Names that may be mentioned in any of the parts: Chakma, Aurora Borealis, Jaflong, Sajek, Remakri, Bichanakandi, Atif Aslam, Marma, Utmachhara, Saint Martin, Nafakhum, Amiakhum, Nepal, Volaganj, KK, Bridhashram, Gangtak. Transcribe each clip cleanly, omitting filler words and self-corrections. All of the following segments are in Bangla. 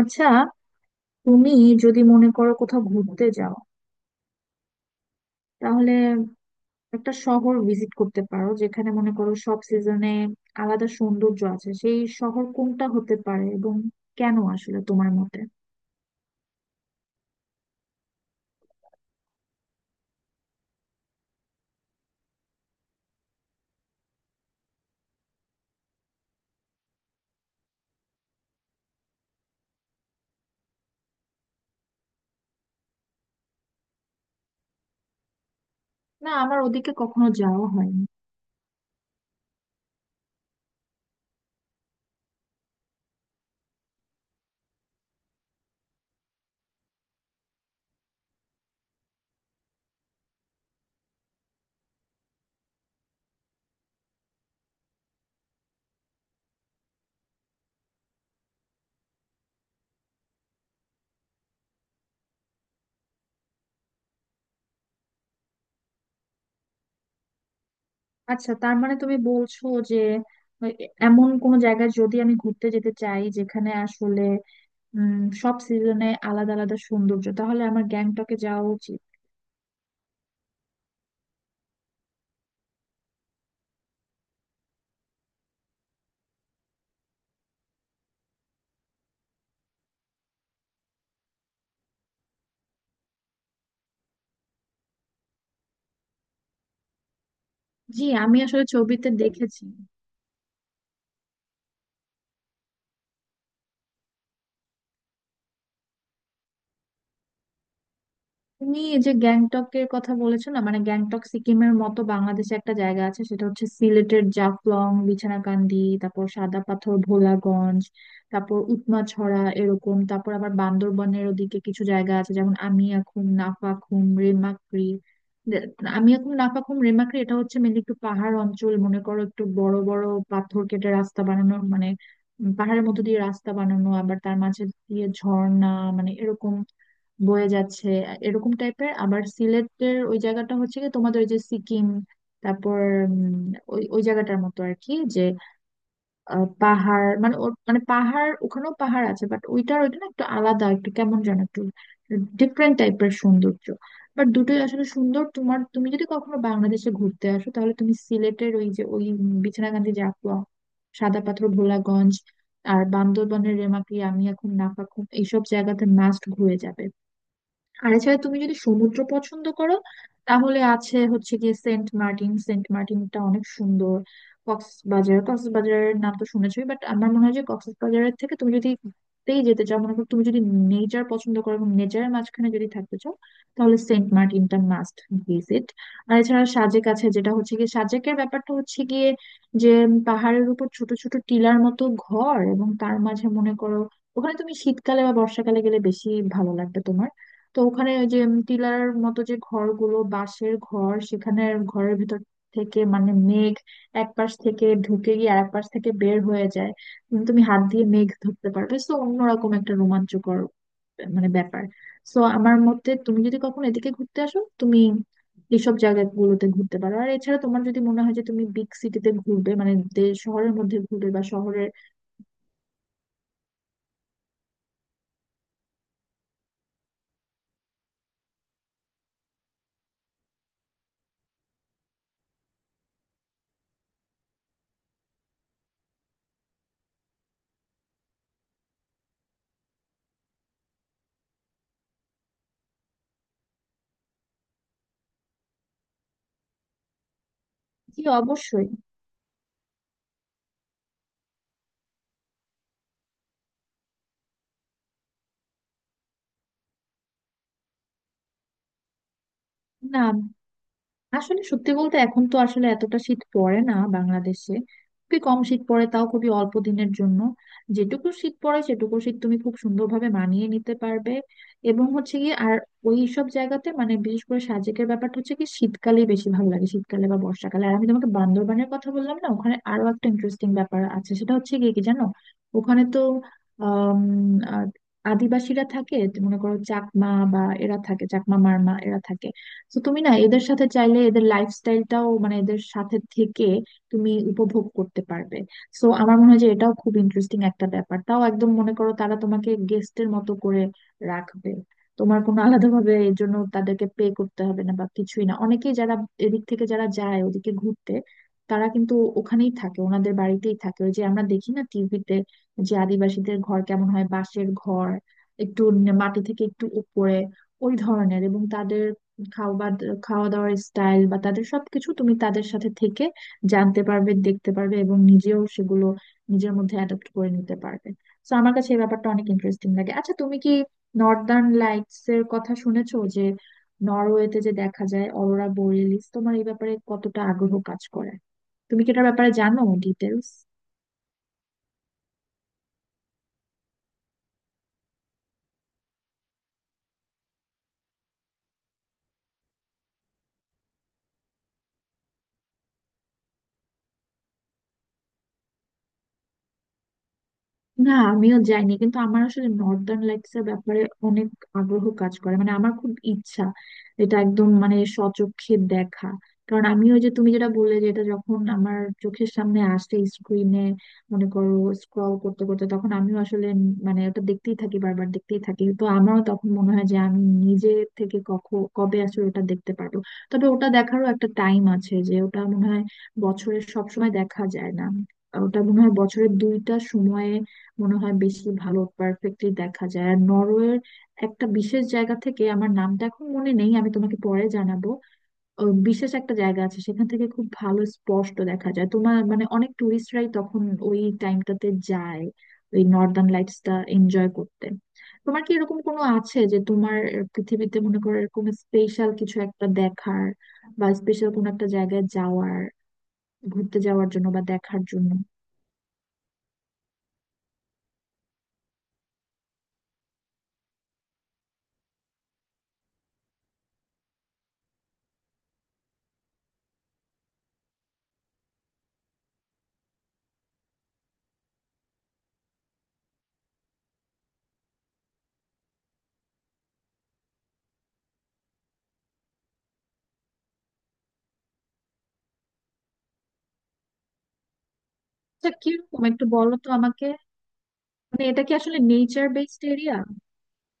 আচ্ছা, তুমি যদি মনে করো কোথাও ঘুরতে যাও, তাহলে একটা শহর ভিজিট করতে পারো যেখানে মনে করো সব সিজনে আলাদা সৌন্দর্য আছে, সেই শহর কোনটা হতে পারে এবং কেন আসলে তোমার মতে? না, আমার ওদিকে কখনো যাওয়া হয়নি। আচ্ছা, তার মানে তুমি বলছো যে এ- এমন কোন জায়গায় যদি আমি ঘুরতে যেতে চাই যেখানে আসলে উম সব সিজনে আলাদা আলাদা সৌন্দর্য, তাহলে আমার গ্যাংটকে যাওয়া উচিত। জি, আমি আসলে ছবিতে দেখেছি। তুমি এই যে গ্যাংটক এর কথা বলেছো না, মানে গ্যাংটক সিকিমের মতো বাংলাদেশে একটা জায়গা আছে, সেটা হচ্ছে সিলেটের জাফলং, বিছানাকান্দি, তারপর সাদা পাথর ভোলাগঞ্জ, তারপর উৎমাছড়া এরকম। তারপর আবার বান্দরবনের ওদিকে কিছু জায়গা আছে, যেমন আমিয়াখুম, নাফাখুম, রেমাক্রি। দে- আমিয়াখুম, নাফাখুম, রেমাক্রি এটা হচ্ছে মেনলি একটু পাহাড় অঞ্চল, মনে করো একটু বড় বড় পাথর কেটে রাস্তা বানানো, মানে পাহাড়ের মধ্যে দিয়ে রাস্তা বানানো, আবার তার মাঝে দিয়ে ঝর্ণা মানে এরকম বয়ে যাচ্ছে এরকম টাইপের। আবার সিলেটের ওই জায়গাটা হচ্ছে কি, তোমাদের ওই যে সিকিম, তারপর উম, ওই ওই জায়গাটার মতো আর কি। যে পাহাড় মানে ওর- মানে পাহাড়, ওখানেও পাহাড় আছে, বাট ওইটার ওইটা না একটু আলাদা, একটু কেমন যেন একটু ডিফারেন্ট টাইপের সৌন্দর্য। বাট দুটোই আসলে সুন্দর। তোমার, তুমি যদি কখনো বাংলাদেশে ঘুরতে আসো, তাহলে তুমি সিলেটের ওই যে ওই বিছনাকান্দি, জাফলং, সাদা পাথর ভোলাগঞ্জ আর বান্দরবানের রেমাকি আমি এখন নাফাখুম এইসব জায়গাতে মাস্ট ঘুরে যাবে। আর এছাড়া তুমি যদি সমুদ্র পছন্দ করো, তাহলে আছে হচ্ছে গিয়ে সেন্ট মার্টিন। সেন্ট মার্টিনটা অনেক সুন্দর। কক্সবাজার, কক্সবাজারের নাম তো শুনেছোই, বাট আমার মনে হয় যে কক্সবাজারের থেকে তুমি যদি ঘুরতেই যেতে চাও, মনে করো তুমি যদি নেচার পছন্দ করো এবং নেচারের মাঝখানে যদি থাকতে চাও, তাহলে সেন্ট মার্টিনটা মাস্ট ভিজিট। আর এছাড়া সাজেক আছে, যেটা হচ্ছে গিয়ে, সাজেকের ব্যাপারটা হচ্ছে গিয়ে যে পাহাড়ের উপর ছোট ছোট টিলার মতো ঘর, এবং তার মাঝে মনে করো ওখানে তুমি শীতকালে বা বর্ষাকালে গেলে বেশি ভালো লাগবে তোমার। তো ওখানে ওই যে টিলার মতো যে ঘরগুলো, বাঁশের ঘর, সেখানে ঘরের ভিতর থেকে মানে মেঘ এক পাশ থেকে ঢুকে গিয়ে আরেক পাশ থেকে বের হয়ে যায়। তুমি হাত দিয়ে মেঘ ধরতে পারবে, তো অন্যরকম একটা রোমাঞ্চকর মানে ব্যাপার। তো আমার মতে তুমি যদি কখনো এদিকে ঘুরতে আসো, তুমি এইসব জায়গাগুলোতে ঘুরতে পারো। আর এছাড়া তোমার যদি মনে হয় যে তুমি বিগ সিটিতে ঘুরবে, মানে শহরের মধ্যে ঘুরবে বা শহরের। জি, অবশ্যই। না, আসলে সত্যি বলতে এখন তো আসলে এতটা শীত পড়ে না বাংলাদেশে, খুবই কম শীত পড়ে, তাও খুবই অল্প দিনের জন্য। যেটুকু শীত পড়ে সেটুকু শীত তুমি খুব সুন্দরভাবে মানিয়ে নিতে পারবে। এবং হচ্ছে কি, আর ওই সব জায়গাতে মানে বিশেষ করে সাজেকের ব্যাপারটা হচ্ছে কি, শীতকালে বেশি ভালো লাগে, শীতকালে বা বর্ষাকালে। আর আমি তোমাকে বান্দরবানের কথা বললাম না, ওখানে আরো একটা ইন্টারেস্টিং ব্যাপার আছে, সেটা হচ্ছে কি কি জানো, ওখানে তো আম, আহ, আদিবাসীরা থাকে। মনে করো চাকমা বা এরা থাকে, চাকমা, মারমা এরা থাকে। তো তুমি না এদের সাথে চাইলে এদের লাইফস্টাইলটাও, মানে এদের সাথে থেকে তুমি উপভোগ করতে পারবে। সো আমার মনে হয় যে এটাও খুব ইন্টারেস্টিং একটা ব্যাপার। তাও একদম মনে করো তারা তোমাকে গেস্টের মতো করে রাখবে, তোমার কোনো আলাদাভাবে এর জন্য তাদেরকে পে করতে হবে না বা কিছুই না। অনেকেই যারা এদিক থেকে যারা যায় ওদিকে ঘুরতে, তারা কিন্তু ওখানেই থাকে, ওনাদের বাড়িতেই থাকে। ওই যে আমরা দেখি না টিভিতে যে আদিবাসীদের ঘর কেমন হয়, বাঁশের ঘর, একটু মাটি থেকে একটু উপরে ওই ধরনের, এবং তাদের খাওয়া, খাওয়া দাওয়ার স্টাইল বা তাদের সবকিছু তুমি তাদের সাথে থেকে জানতে পারবে, দেখতে পারবে এবং নিজেও সেগুলো নিজের মধ্যে অ্যাডাপ্ট করে নিতে পারবে। তো আমার কাছে এই ব্যাপারটা অনেক ইন্টারেস্টিং লাগে। আচ্ছা, তুমি কি নর্দার্ন লাইটস এর কথা শুনেছো, যে নরওয়েতে যে দেখা যায় অরোরা বোরিয়ালিস? তোমার এই ব্যাপারে কতটা আগ্রহ কাজ করে, তুমি কি এটার ব্যাপারে জানো ডিটেলস? না, আমিও যাইনি, কিন্তু আমার আসলে নর্দার্ন লাইটস এর ব্যাপারে অনেক আগ্রহ কাজ করে। মানে আমার খুব ইচ্ছা এটা একদম মানে স্বচক্ষে দেখা, কারণ আমিও, যে তুমি যেটা বললে, যে এটা যখন আমার চোখের সামনে আসে স্ক্রিনে, মনে করো স্ক্রল করতে করতে, তখন আমিও আসলে মানে ওটা দেখতেই থাকি, বারবার দেখতেই থাকি। তো আমারও তখন মনে হয় যে আমি নিজে থেকে কখন কবে আসলে ওটা দেখতে পারবো। তবে ওটা দেখারও একটা টাইম আছে, যে ওটা মনে হয় বছরের সব সময় দেখা যায় না, ওটা মনে হয় বছরের দুইটা সময়ে মনে হয় বেশি ভালো পারফেক্টলি দেখা যায়। আর নরওয়ের একটা বিশেষ জায়গা থেকে, আমার নামটা এখন মনে নেই, আমি তোমাকে পরে জানাবো, ও বিশেষ একটা জায়গা আছে, সেখান থেকে খুব ভালো স্পষ্ট দেখা যায়। তোমার মানে অনেক টুরিস্টরাই তখন ওই টাইমটাতে যায় ওই নর্দার্ন লাইটসটা এনজয় করতে। তোমার কি এরকম কোনো আছে যে তোমার পৃথিবীতে মনে করো এরকম স্পেশাল কিছু একটা দেখার, বা স্পেশাল কোনো একটা জায়গায় যাওয়ার, ঘুরতে যাওয়ার জন্য বা দেখার জন্য? আচ্ছা, কিরকম একটু বলো তো আমাকে। মানে এটা কি আসলে নেচার বেসড এরিয়া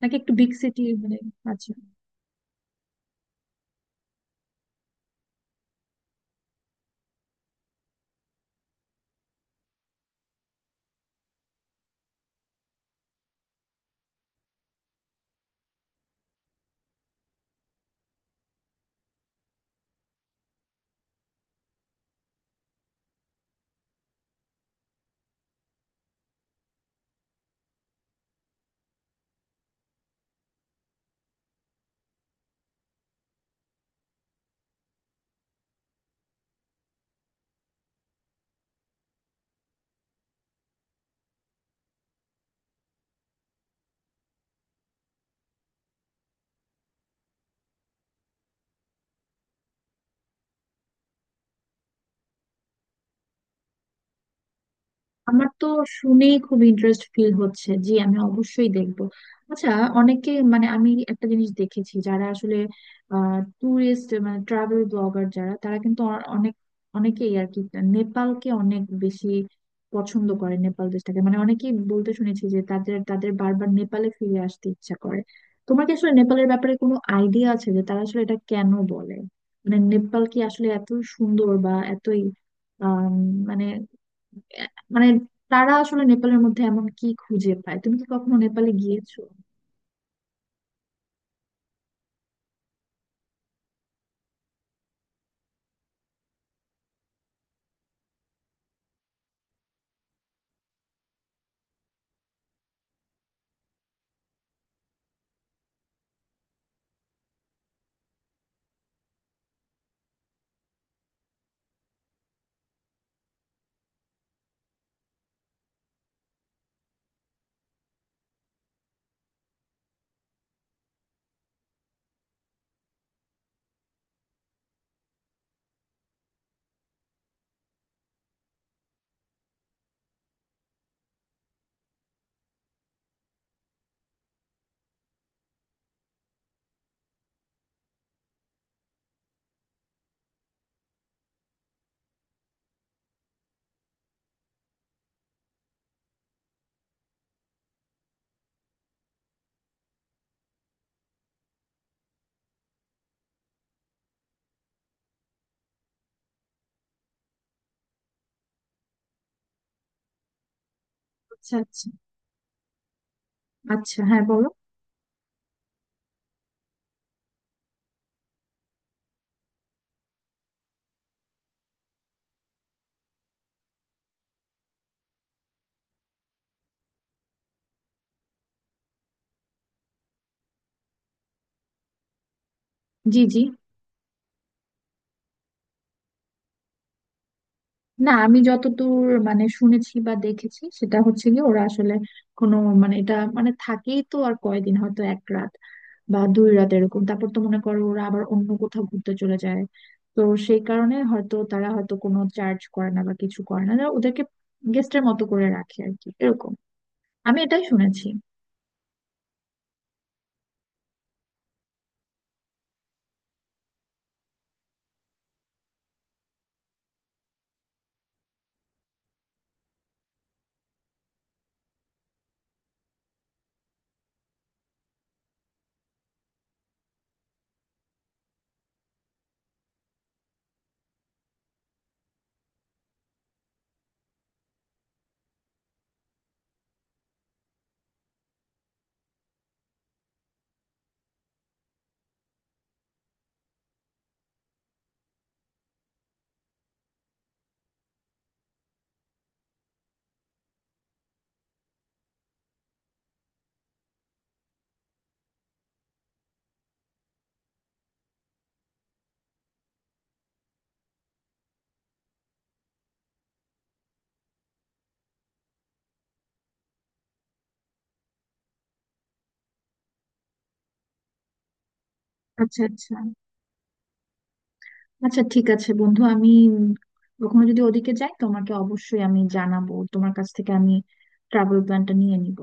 নাকি একটু বিগ সিটি মানে? আছে? আমার তো শুনেই খুব ইন্টারেস্ট ফিল হচ্ছে। জি, আমি অবশ্যই দেখবো। আচ্ছা, অনেকে মানে আমি একটা জিনিস দেখেছি, যারা আসলে ট্যুরিস্ট মানে ট্রাভেল ব্লগার যারা, তারা কিন্তু অনেক, অনেকেই আর কি নেপালকে অনেক বেশি পছন্দ করে, নেপাল দেশটাকে। মানে অনেকেই বলতে শুনেছি যে তাদের তাদের বারবার নেপালে ফিরে আসতে ইচ্ছা করে। তোমার কি আসলে নেপালের ব্যাপারে কোনো আইডিয়া আছে যে তারা আসলে এটা কেন বলে, মানে নেপাল কি আসলে এত সুন্দর বা এতই আম, মানে আহ, মানে তারা আসলে নেপালের মধ্যে এমন কি খুঁজে পায়? তুমি কি কখনো নেপালে গিয়েছো? আচ্ছা, আচ্ছা। আচ্ছা, হ্যাঁ, বলো। জি, জি। না, আমি যতদূর মানে শুনেছি বা দেখেছি সেটা হচ্ছে কি, ওরা আসলে কোনো মানে এটা মানে থাকেই তো আর কয়দিন, হয়তো এক রাত বা দুই রাত এরকম, তারপর তো মনে করো ওরা আবার অন্য কোথাও ঘুরতে চলে যায়। তো সেই কারণে হয়তো তারা হয়তো কোনো চার্জ করে না বা কিছু করে না, ওরা ওদেরকে গেস্টের মতো করে রাখে আর কি, এরকম আমি এটাই শুনেছি। আচ্ছা, আচ্ছা। আচ্ছা, ঠিক আছে বন্ধু, আমি উম, কখনো যদি ওদিকে যাই তোমাকে অবশ্যই আমি জানাবো, তোমার কাছ থেকে আমি ট্রাভেল প্ল্যানটা নিয়ে নিব।